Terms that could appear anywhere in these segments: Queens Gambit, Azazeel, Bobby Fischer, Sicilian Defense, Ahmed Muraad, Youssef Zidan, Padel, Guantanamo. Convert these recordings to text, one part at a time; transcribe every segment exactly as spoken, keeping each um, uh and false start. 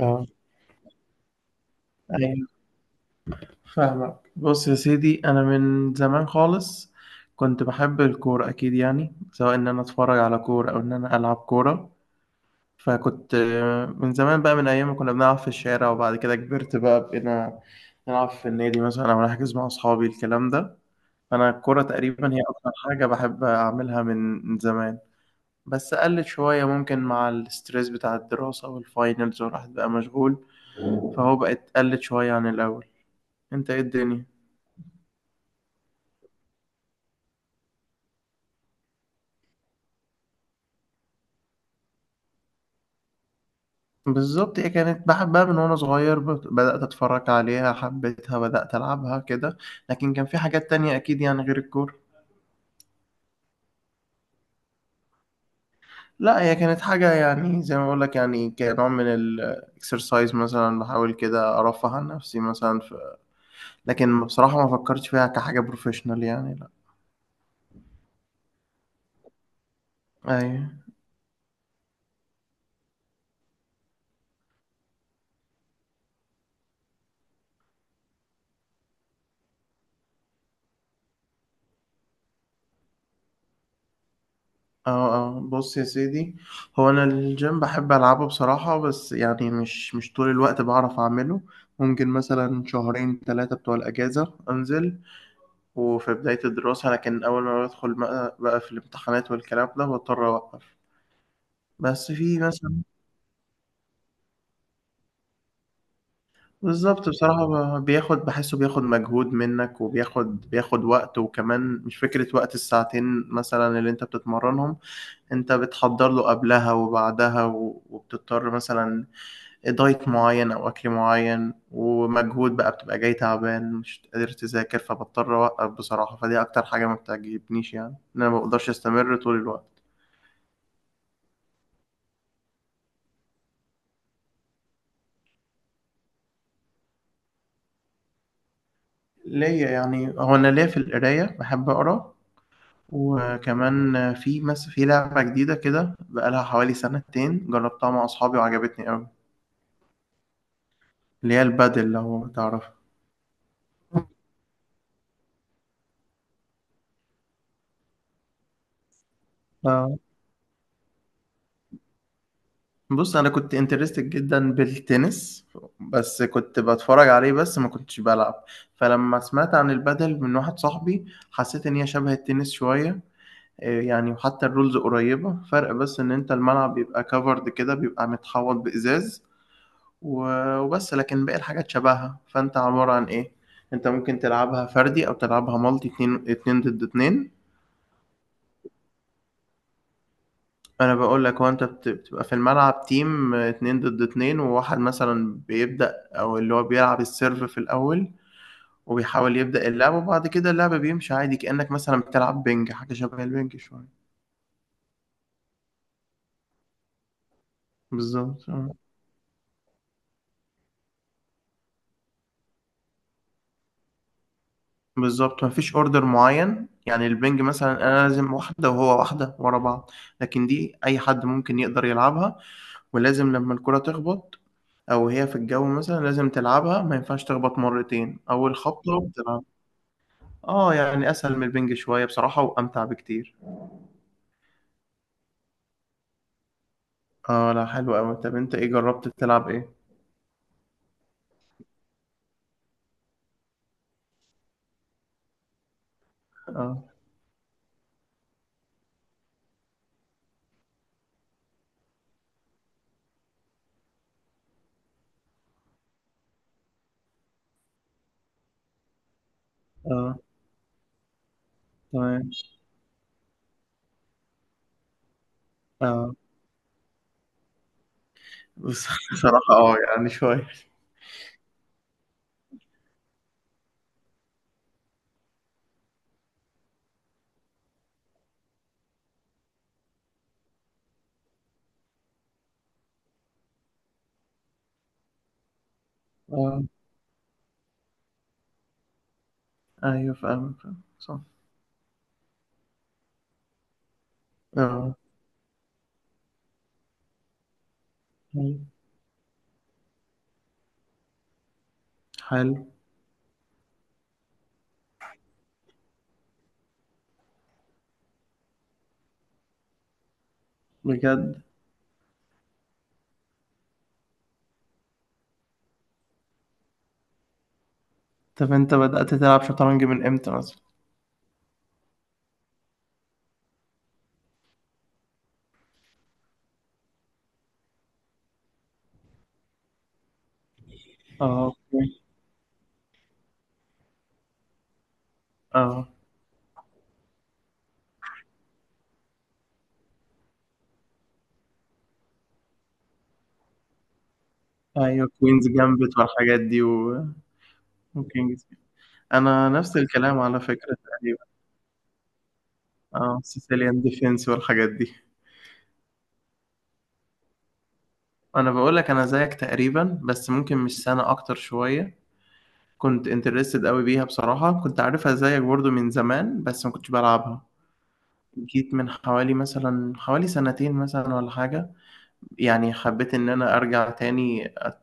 اه، ايوه، فاهمك. بص يا سيدي، انا من زمان خالص كنت بحب الكوره، اكيد يعني، سواء ان انا اتفرج على كوره او ان انا العب كوره. فكنت آه، من زمان بقى، من ايام ما كنا بنلعب في الشارع، وبعد كده كبرت بقى، بقينا نلعب في النادي مثلا، او نحجز مع اصحابي، الكلام ده. فانا الكوره تقريبا هي اكتر حاجه بحب اعملها من من زمان، بس قلت شويه ممكن مع الاسترس بتاع الدراسه والفاينلز، والواحد بقى مشغول، فهو بقت قلت شويه عن الاول. انت ايه الدنيا؟ بالظبط، هي كانت بحبها من وانا صغير، بت- بدأت اتفرج عليها، حبيتها، بدأت العبها كده. لكن كان في حاجات تانية اكيد يعني غير الكورة. لا، هي كانت حاجة يعني زي ما بقول لك، يعني كنوع من الاكسرسايز مثلا، بحاول كده ارفه عن نفسي مثلا ف... لكن بصراحة ما فكرتش فيها كحاجة بروفيشنال، يعني لا. ايوه. اه، اه، بص يا سيدي، هو انا الجيم بحب العبه بصراحة، بس يعني مش مش طول الوقت بعرف اعمله. ممكن مثلا شهرين ثلاثة بتوع الأجازة أنزل، وفي بداية الدراسة، لكن أول ما بدخل بقى، بقى في الامتحانات والكلام ده بضطر أوقف. بس في مثلا، بالظبط بصراحة، ب- بياخد، بحسه بياخد مجهود منك، وبياخد بياخد وقت، وكمان مش فكرة وقت الساعتين مثلا اللي أنت بتتمرنهم، أنت بتحضر له قبلها وبعدها، و- وبتضطر مثلا دايت معين أو أكل معين ومجهود بقى، بتبقى جاي تعبان مش قادر تذاكر، فبضطر أوقف بصراحة. فدي أكتر حاجة ما بتعجبنيش يعني، إن أنا ما بقدرش أستمر طول الوقت. ليا يعني، هو أنا ليا في القراية، باحب أقرا. وكمان في مس في لعبة جديدة كده بقالها حوالي سنتين، جربتها مع أصحابي وعجبتني أوي. اللي هي البادل، لو تعرفها. آه، بص، أنا كنت انترستد جدا بالتنس، بس كنت بتفرج عليه بس، ما كنتش بلعب. فلما سمعت عن البادل من واحد صاحبي، حسيت إن هي شبه التنس شوية. آه، يعني وحتى الرولز قريبة، فرق بس إن أنت الملعب بيبقى كفرد كده، بيبقى متحوط بإزاز، و- وبس، لكن باقي الحاجات شبهها. فانت عبارة عن ايه، انت ممكن تلعبها فردي او تلعبها مالتي، اتنين اتنين ضد اتنين. انا بقول لك، هو انت بت- بتبقى في الملعب تيم اتنين ضد اتنين، وواحد مثلا بيبدأ، او اللي هو بيلعب السيرف في الاول، وبيحاول يبدأ اللعب، وبعد كده اللعب بيمشي عادي، كأنك مثلا بتلعب بينج، حاجة شبه البينج شوية. بالظبط آه. بالظبط، مفيش اوردر معين. يعني البينج مثلا، انا لازم واحدة وهو واحدة ورا بعض، لكن دي اي حد ممكن يقدر يلعبها، ولازم لمّا الكرة تخبط أو هي في الجو مثلًا لازم تلعبها، ما ينفعش تخبط مرتين، أول خبطة بتلعبها. آه، يعني أسهل من البِنْج شوية بصراحة، وأمتع بكتير. آه، لأ حلو أوي. طَب أنت إيه جرّبت تلعب إيه؟ آه. آه. تمام. آه. بص بصراحة آه، يعني شوية. آه، أيوه فاهمك، فاهمك صح. آه، أيوه. حلو بجد. طَب أنت بدأت تلعب شطرنج من إمتى مثلًا؟ آه. أوكي. آه، أيوه، كوينز جامبت والحاجات دي، و وكينجز. انا نفس الكلام على فكرة تقريبا. اه، سيسيليان ديفنس والحاجات دي. انا بقول لك، انا زيك تقريبا بس ممكن مش سنة، اكتر شوية. كنت انترستد قوي بيها بصراحة، كنت عارفها زيك برضو من زمان بس ما كنتش بلعبها. جيت من حوالي مثلا حوالي سنتين مثلا ولا حاجة، يعني حبيت ان انا ارجع تاني أت...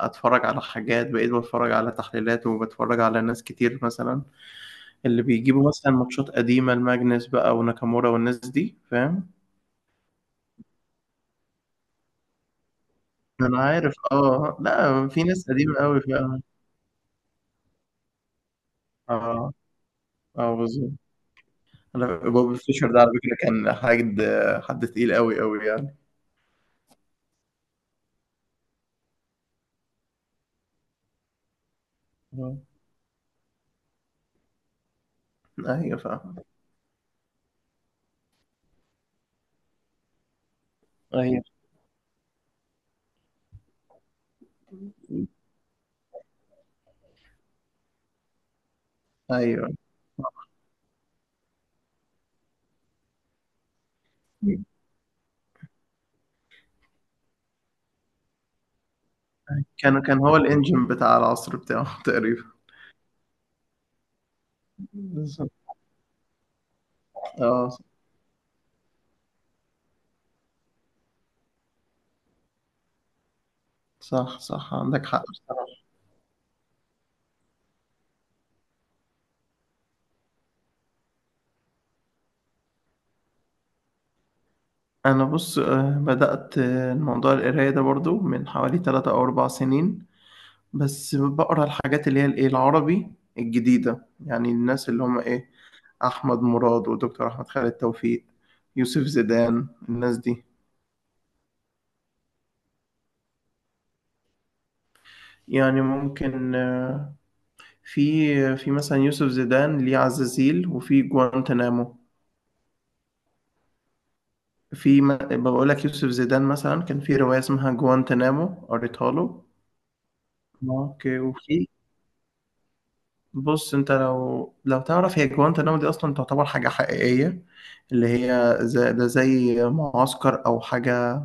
اتفرج على حاجات، بقيت بتفرج على تحليلات، وبتفرج على ناس كتير مثلا اللي بيجيبوا مثلا ماتشات قديمة، الماجنس بقى وناكامورا والناس دي، فاهم. انا عارف، اه، لا، في ناس قديمه قوي فعلا. اه اه بالظبط. انا بوب فيشر ده على فكره كان حد حد تقيل قوي قوي يعني. آه. ايوه فاهم. ايوه ايوه. كان كان هو الانجن بتاع العصر بتاعه تقريبا. بالظبط. اه، صح صح، عندك حق بصراحة. انا بص، آه، بدأت آه، الموضوع القراية ده برضو من حوالي ثلاث او أربع سنين. بس بقرا الحاجات اللي هي الايه العربي الجديدة، يعني الناس اللي هم ايه، احمد مراد ودكتور احمد خالد توفيق، يوسف زيدان، الناس دي. يعني ممكن آه، في في مثلا، يوسف زيدان، ليه عزازيل وفي جوانتنامو. في ما- بقول لك، يوسف زيدان مثلا كان في رواية اسمها جوانتنامو، قريتها له. اوكي. وفي، بص، انت لو لو تعرف، هي جوانتنامو دي اصلا تعتبر حاجة حقيقية، اللي هي زي ده، زي معسكر او حاجة،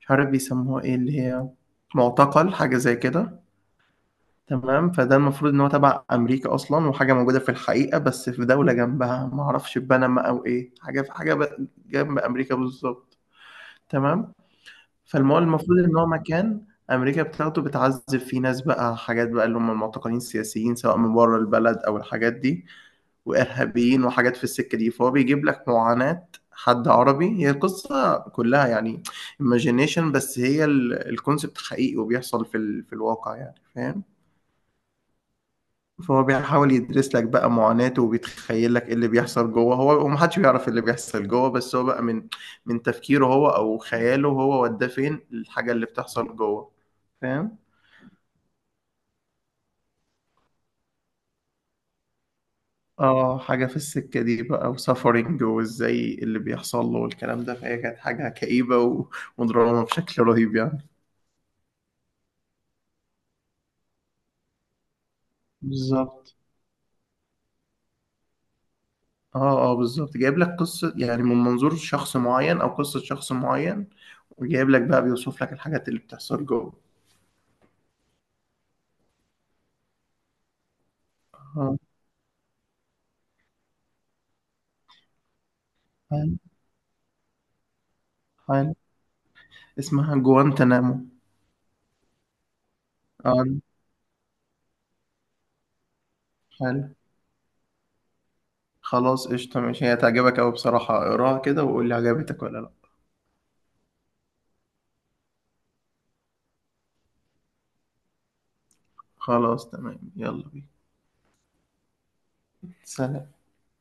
مش عارف بيسموها ايه، اللي هي معتقل، حاجة زي كده. تمام. فده المفروض ان هو تبع امريكا اصلا، وحاجه موجوده في الحقيقه، بس في دوله جنبها ما اعرفش بنما او ايه، حاجه في حاجه ب- جنب امريكا بالظبط. تمام. فالمول المفروض ان هو مكان امريكا بتاخده بتعذب فيه ناس بقى، حاجات بقى، اللي هم المعتقلين السياسيين سواء من بره البلد او الحاجات دي، وارهابيين وحاجات في السكه دي، فهو بيجيب لك معاناه حد عربي هي القصه كلها، يعني imagination، بس هي الكونسبت حقيقي وبيحصل في ال... في الواقع، يعني فاهم. فهو بيحاول يدرس لك بقى معاناته، وبيتخيل لك إيه اللي بيحصل جوه، هو ومحدش بيعرف إيه اللي بيحصل جوه، بس هو بقى من من تفكيره هو او خياله هو، وداه فين الحاجة اللي بتحصل جوه، فاهم. اه، حاجة في السكة دي بقى، وسفرنج وازاي اللي بيحصل له والكلام ده، فهي كانت حاجة كئيبة و- ودراما بشكل رهيب يعني. بالظبط. اه اه بالظبط، جايب لك قصة يعني من منظور شخص معين او قصة شخص معين، وجايب لك بقى بيوصف لك الحاجات اللي بتحصل جوه. اه حلو. اسمها جوانتنامو. اه حلو. خلاص قشطة ماشي، هي هتعجبك أوي بصراحة، اقراها كده وقول لي عجبتك ولا لأ. خلاص تمام، يلا بينا. سلام.